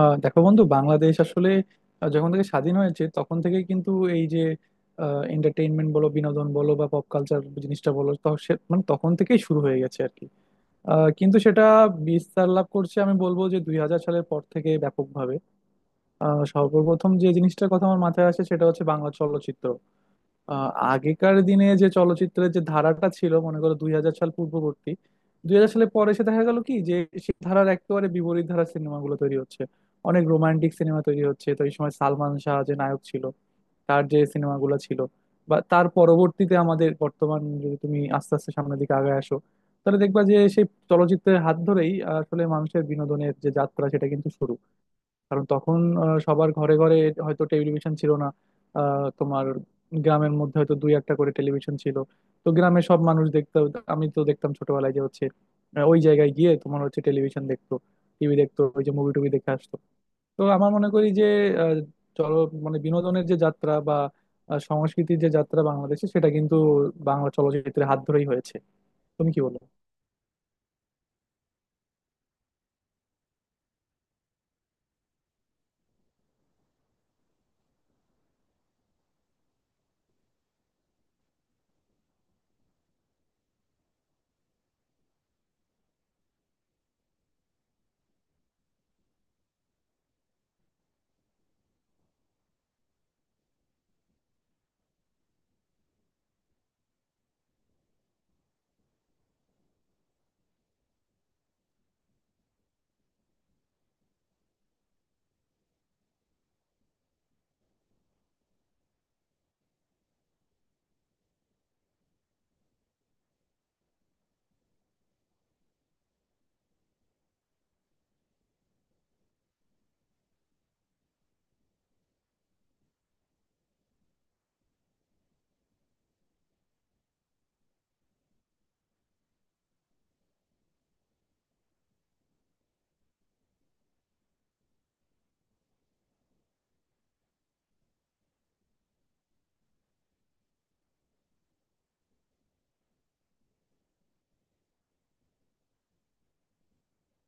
দেখো বন্ধু, বাংলাদেশ আসলে যখন থেকে স্বাধীন হয়েছে তখন থেকে কিন্তু এই যে এন্টারটেইনমেন্ট বলো, বিনোদন বলো বা পপ কালচার জিনিসটা বলো, তো মানে তখন থেকেই শুরু হয়ে গেছে আর কি। কিন্তু সেটা বিস্তার লাভ করছে, আমি বলবো যে 2000 সালের পর থেকে ব্যাপকভাবে। সর্বপ্রথম যে জিনিসটার কথা আমার মাথায় আসে সেটা হচ্ছে বাংলা চলচ্চিত্র। আহ, আগেকার দিনে যে চলচ্চিত্রের যে ধারাটা ছিল, মনে করো 2000 সাল পূর্ববর্তী। 2000 সালের পরে এসে দেখা গেল কি, যে সেই ধারার একেবারে বিপরীত ধারার সিনেমাগুলো তৈরি হচ্ছে, অনেক রোমান্টিক সিনেমা তৈরি হচ্ছে। তো এই সময় সালমান শাহ যে নায়ক ছিল, তার যে সিনেমাগুলো ছিল, বা তার পরবর্তীতে আমাদের বর্তমান, যদি তুমি আস্তে আস্তে সামনের দিকে আগায় আসো তাহলে দেখবা যে সেই চলচ্চিত্রের হাত ধরেই আসলে মানুষের বিনোদনের যে যাত্রা সেটা কিন্তু শুরু। কারণ তখন সবার ঘরে ঘরে হয়তো টেলিভিশন ছিল না। তোমার গ্রামের মধ্যে হয়তো দুই একটা করে টেলিভিশন ছিল। তো গ্রামে সব মানুষ দেখতো। আমি তো দেখতাম ছোটবেলায় যে হচ্ছে ওই জায়গায় গিয়ে তোমার হচ্ছে টেলিভিশন দেখতো, টিভি দেখতো, ওই যে মুভি টুভি দেখে আসতো। তো আমার মনে করি যে আহ, চলো, মানে বিনোদনের যে যাত্রা বা সংস্কৃতির যে যাত্রা বাংলাদেশে সেটা কিন্তু বাংলা চলচ্চিত্রের হাত ধরেই হয়েছে। তুমি কি বলো?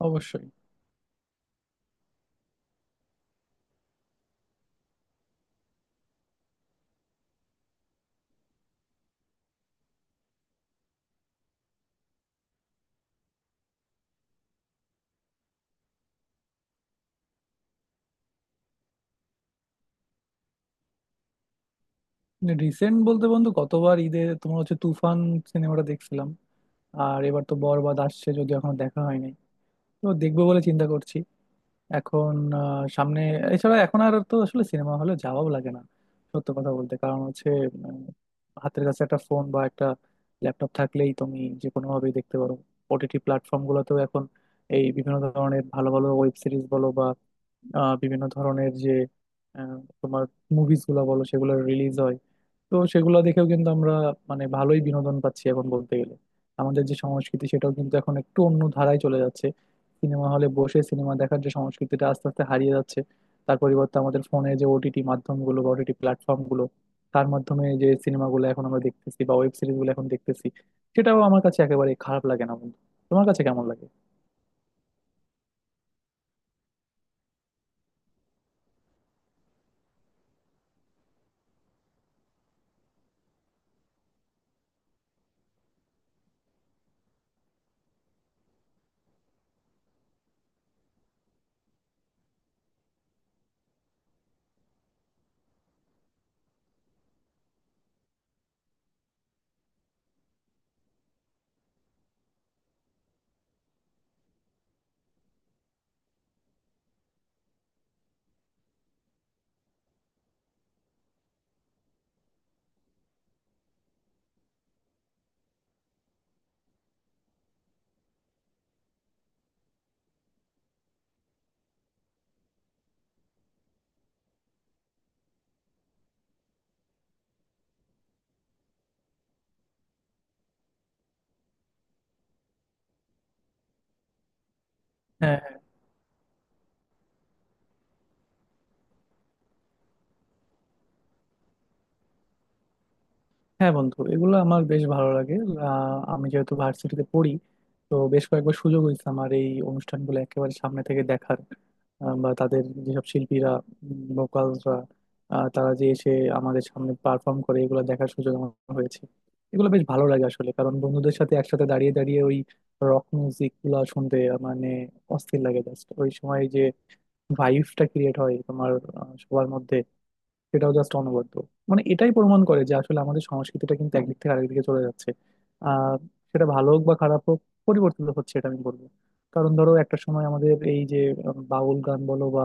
অবশ্যই। রিসেন্ট বলতে বন্ধু, গতবার ঈদে তোমার হচ্ছে তুফান সিনেমাটা দেখছিলাম। আর এবার তো বরবাদ আসছে, যদিও এখনো দেখা হয়নি। তো দেখবো বলে চিন্তা করছি এখন। সামনে এছাড়া এখন আর তো আসলে সিনেমা হলে যাওয়াও লাগে না, সত্য কথা বলতে। কারণ হচ্ছে, উম, হাতের কাছে একটা ফোন বা একটা ল্যাপটপ থাকলেই তুমি যে কোনো ভাবেই দেখতে পারো। ওটিটি প্ল্যাটফর্ম গুলোতেও এখন এই বিভিন্ন ধরনের ভালো ভালো ওয়েব সিরিজ বলো, বিভিন্ন ধরনের যে আহ, তোমার মুভিজ গুলো বলো, সেগুলো রিলিজ হয়। তো সেগুলো দেখেও কিন্তু আমরা মানে ভালোই বিনোদন পাচ্ছি এখন বলতে গেলে। আমাদের যে সংস্কৃতি সেটাও কিন্তু এখন একটু অন্য ধারায় চলে যাচ্ছে। সিনেমা হলে বসে সিনেমা দেখার যে সংস্কৃতিটা আস্তে আস্তে হারিয়ে যাচ্ছে, তার পরিবর্তে আমাদের ফোনে যে ওটিটি মাধ্যমগুলো বা ওটিটি প্ল্যাটফর্মগুলো, তার মাধ্যমে যে সিনেমাগুলো এখন আমরা দেখতেছি বা ওয়েব সিরিজগুলো এখন দেখতেছি, সেটাও আমার কাছে একেবারে খারাপ লাগে না বন্ধু। তোমার কাছে কেমন লাগে? হ্যাঁ। হ্যাঁ বন্ধু, এগুলো আমার বেশ ভালো লাগে। আমি যেহেতু ভার্সিটিতে পড়ি, তো বেশ কয়েকবার সুযোগ হয়েছে আমার এই অনুষ্ঠানগুলো একেবারে সামনে থেকে দেখার। বা তাদের যেসব শিল্পীরা, ভোকালসরা, তারা যে এসে আমাদের সামনে পারফর্ম করে, এগুলো দেখার সুযোগ আমার হয়েছে। এগুলো বেশ ভালো লাগে আসলে, কারণ বন্ধুদের সাথে একসাথে দাঁড়িয়ে দাঁড়িয়ে ওই রক মিউজিক গুলা শুনতে মানে অস্থির লাগে। জাস্ট ওই সময় যে ভাইবটা ক্রিয়েট হয় তোমার সবার মধ্যে, সেটাও জাস্ট অনবদ্য। মানে এটাই প্রমাণ করে যে আসলে আমাদের সংস্কৃতিটা কিন্তু একদিক থেকে আরেক দিকে চলে যাচ্ছে। আহ সেটা ভালো হোক বা খারাপ হোক, পরিবর্তিত হচ্ছে এটা আমি বলবো। কারণ ধরো একটা সময় আমাদের এই যে বাউল গান বলো বা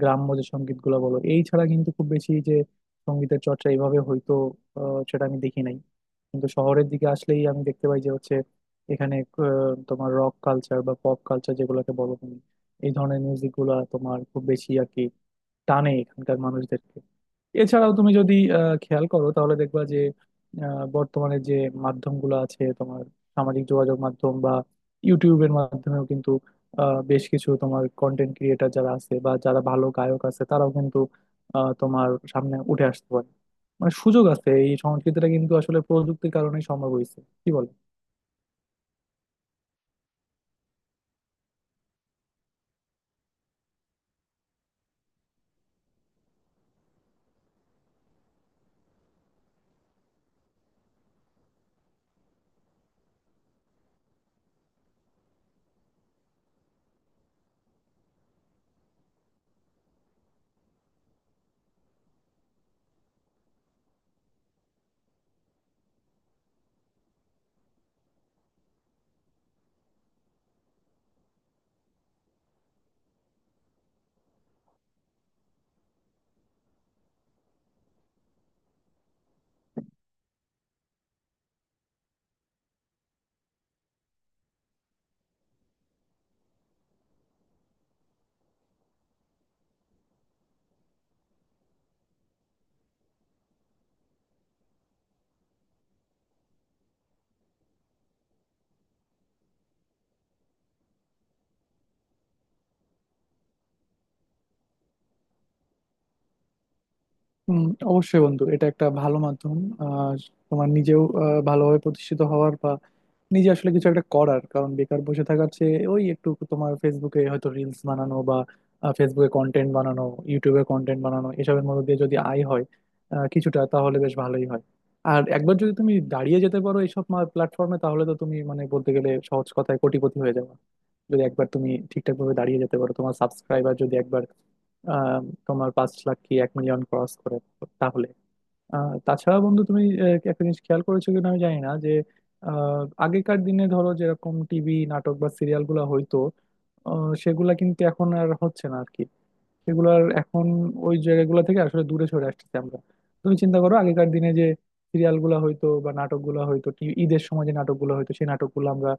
গ্রাম্য যে সঙ্গীত গুলো বলো, এই ছাড়া কিন্তু খুব বেশি যে সঙ্গীতের চর্চা এইভাবে হয়তো, সেটা আমি দেখি নাই। কিন্তু শহরের দিকে আসলেই আমি দেখতে পাই যে হচ্ছে এখানে তোমার রক কালচার বা পপ কালচার যেগুলোকে বলো তুমি, এই ধরনের মিউজিক গুলা তোমার খুব বেশি আর কি টানে এখানকার মানুষদেরকে। এছাড়াও তুমি যদি খেয়াল করো তাহলে দেখবা যে বর্তমানে যে মাধ্যমগুলো আছে তোমার, সামাজিক যোগাযোগ মাধ্যম বা ইউটিউবের মাধ্যমেও কিন্তু বেশ কিছু তোমার কন্টেন্ট ক্রিয়েটার যারা আছে বা যারা ভালো গায়ক আছে, তারাও কিন্তু তোমার সামনে উঠে আসতে পারে। মানে সুযোগ আছে। এই সংস্কৃতিটা কিন্তু আসলে প্রযুক্তির কারণেই সম্ভব হয়েছে। কি বল? হুম। অবশ্যই বন্ধু, এটা একটা ভালো মাধ্যম। আর তোমার নিজেও ভালোভাবে প্রতিষ্ঠিত হওয়ার, নিজে আসলে কিছু একটা করার, কারণ বেকার বসে থাকার চেয়ে ওই একটু তোমার ফেসবুকে হয়তো রিলস বানানো বা ফেসবুকে কন্টেন্ট বানানো, ইউটিউবে কন্টেন্ট বানানো, এসবের মধ্যে দিয়ে যদি আয় হয় কিছুটা, তাহলে বেশ ভালোই হয়। আর একবার যদি তুমি দাঁড়িয়ে যেতে পারো এইসব প্ল্যাটফর্মে, তাহলে তো তুমি মানে বলতে গেলে সহজ কথায় কোটিপতি হয়ে যাবে। যদি একবার তুমি ঠিকঠাক ভাবে দাঁড়িয়ে যেতে পারো, তোমার সাবস্ক্রাইবার যদি একবার আহ, তোমার 5,00,000 কি 1 মিলিয়ন ক্রস করে, তাহলে। তাছাড়া বন্ধু তুমি একটা জিনিস খেয়াল করেছো কিনা আমি জানি না, যে আগেকার দিনে ধরো যেরকম টিভি নাটক বা সিরিয়াল গুলা হইতো, সেগুলা কিন্তু এখন আর হচ্ছে না আর কি। সেগুলোর এখন ওই জায়গাগুলো থেকে আসলে দূরে সরে আসতেছি আমরা। তুমি চিন্তা করো, আগেকার দিনে যে সিরিয়ালগুলো হয়তো বা নাটকগুলো হয়তো ঈদের সময় যে নাটকগুলো হয়তো, সেই নাটকগুলো আমরা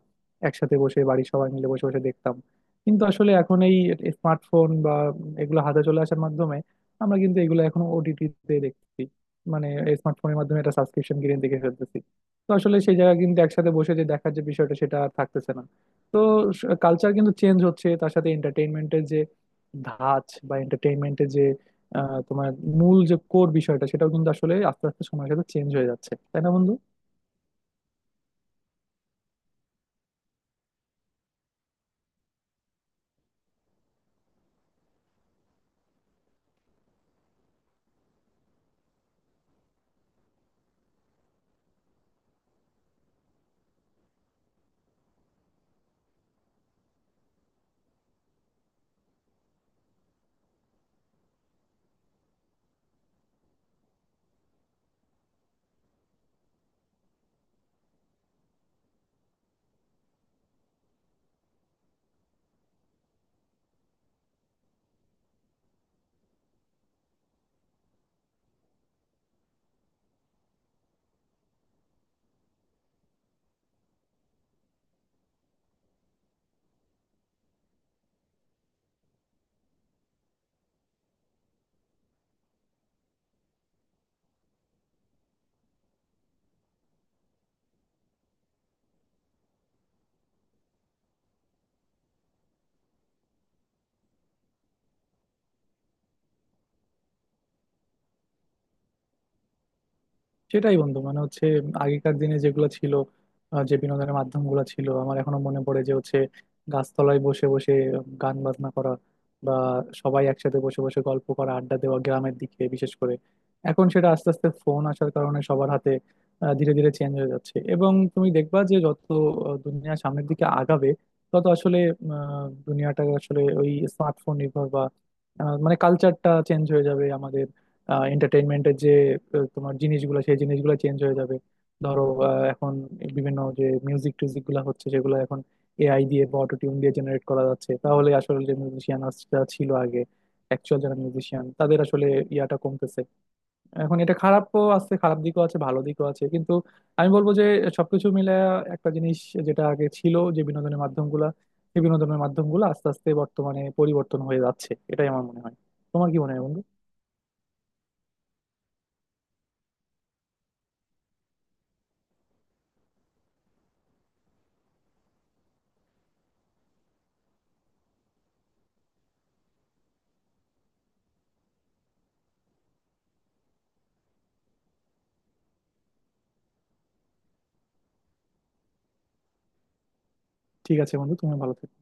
একসাথে বসে বাড়ির সবাই মিলে বসে বসে দেখতাম। কিন্তু আসলে এখন এই স্মার্টফোন বা এগুলো হাতে চলে আসার মাধ্যমে, আমরা কিন্তু এগুলো এখন ওটিটিতে দেখছি। মানে স্মার্টফোনের মাধ্যমে একটা সাবস্ক্রিপশন কিনে দেখে ফেলতেছি। তো আসলে সেই জায়গা কিন্তু, একসাথে বসে যে দেখার যে বিষয়টা সেটা আর থাকতেছে না। তো কালচার কিন্তু চেঞ্জ হচ্ছে, তার সাথে এন্টারটেইনমেন্টের ধাঁচ বা এন্টারটেইনমেন্টের যে তোমার মূল যে কোর বিষয়টা, সেটাও কিন্তু আসলে আস্তে আস্তে সময়ের সাথে চেঞ্জ হয়ে যাচ্ছে, তাই না বন্ধু? সেটাই বন্ধু, মানে হচ্ছে আগেকার দিনে যেগুলো ছিল যে বিনোদনের মাধ্যমগুলো ছিল, আমার এখনো মনে পড়ে যে হচ্ছে গাছতলায় বসে বসে গান বাজনা করা বা সবাই একসাথে বসে বসে গল্প করা, আড্ডা দেওয়া, গ্রামের দিকে বিশেষ করে। এখন সেটা আস্তে আস্তে ফোন আসার কারণে সবার হাতে ধীরে ধীরে চেঞ্জ হয়ে যাচ্ছে। এবং তুমি দেখবা যে যত দুনিয়া সামনের দিকে আগাবে, তত আসলে দুনিয়াটা আসলে ওই স্মার্টফোন নির্ভর বা মানে কালচারটা চেঞ্জ হয়ে যাবে আমাদের। এন্টারটেইনমেন্টের যে তোমার জিনিসগুলো, সেই জিনিসগুলো চেঞ্জ হয়ে যাবে। ধরো এখন বিভিন্ন যে মিউজিক টিউজিক গুলো হচ্ছে সেগুলো এখন এআই দিয়ে বা অটোটিউন দিয়ে জেনারেট করা যাচ্ছে, তাহলে আসলে যে মিউজিশিয়ান ছিল আগে, অ্যাকচুয়াল যারা মিউজিশিয়ান তাদের আসলে ইয়াটা কমতেছে। এখন এটা খারাপও আছে, খারাপ দিকও আছে, ভালো দিকও আছে, কিন্তু আমি বলবো যে সবকিছু মিলে একটা জিনিস, যেটা আগে ছিল যে বিনোদনের মাধ্যমগুলা, সেই বিনোদনের মাধ্যমগুলো আস্তে আস্তে বর্তমানে পরিবর্তন হয়ে যাচ্ছে, এটাই আমার মনে হয়। তোমার কি মনে হয় বন্ধু? ঠিক আছে বন্ধু, তুমি ভালো থেকো।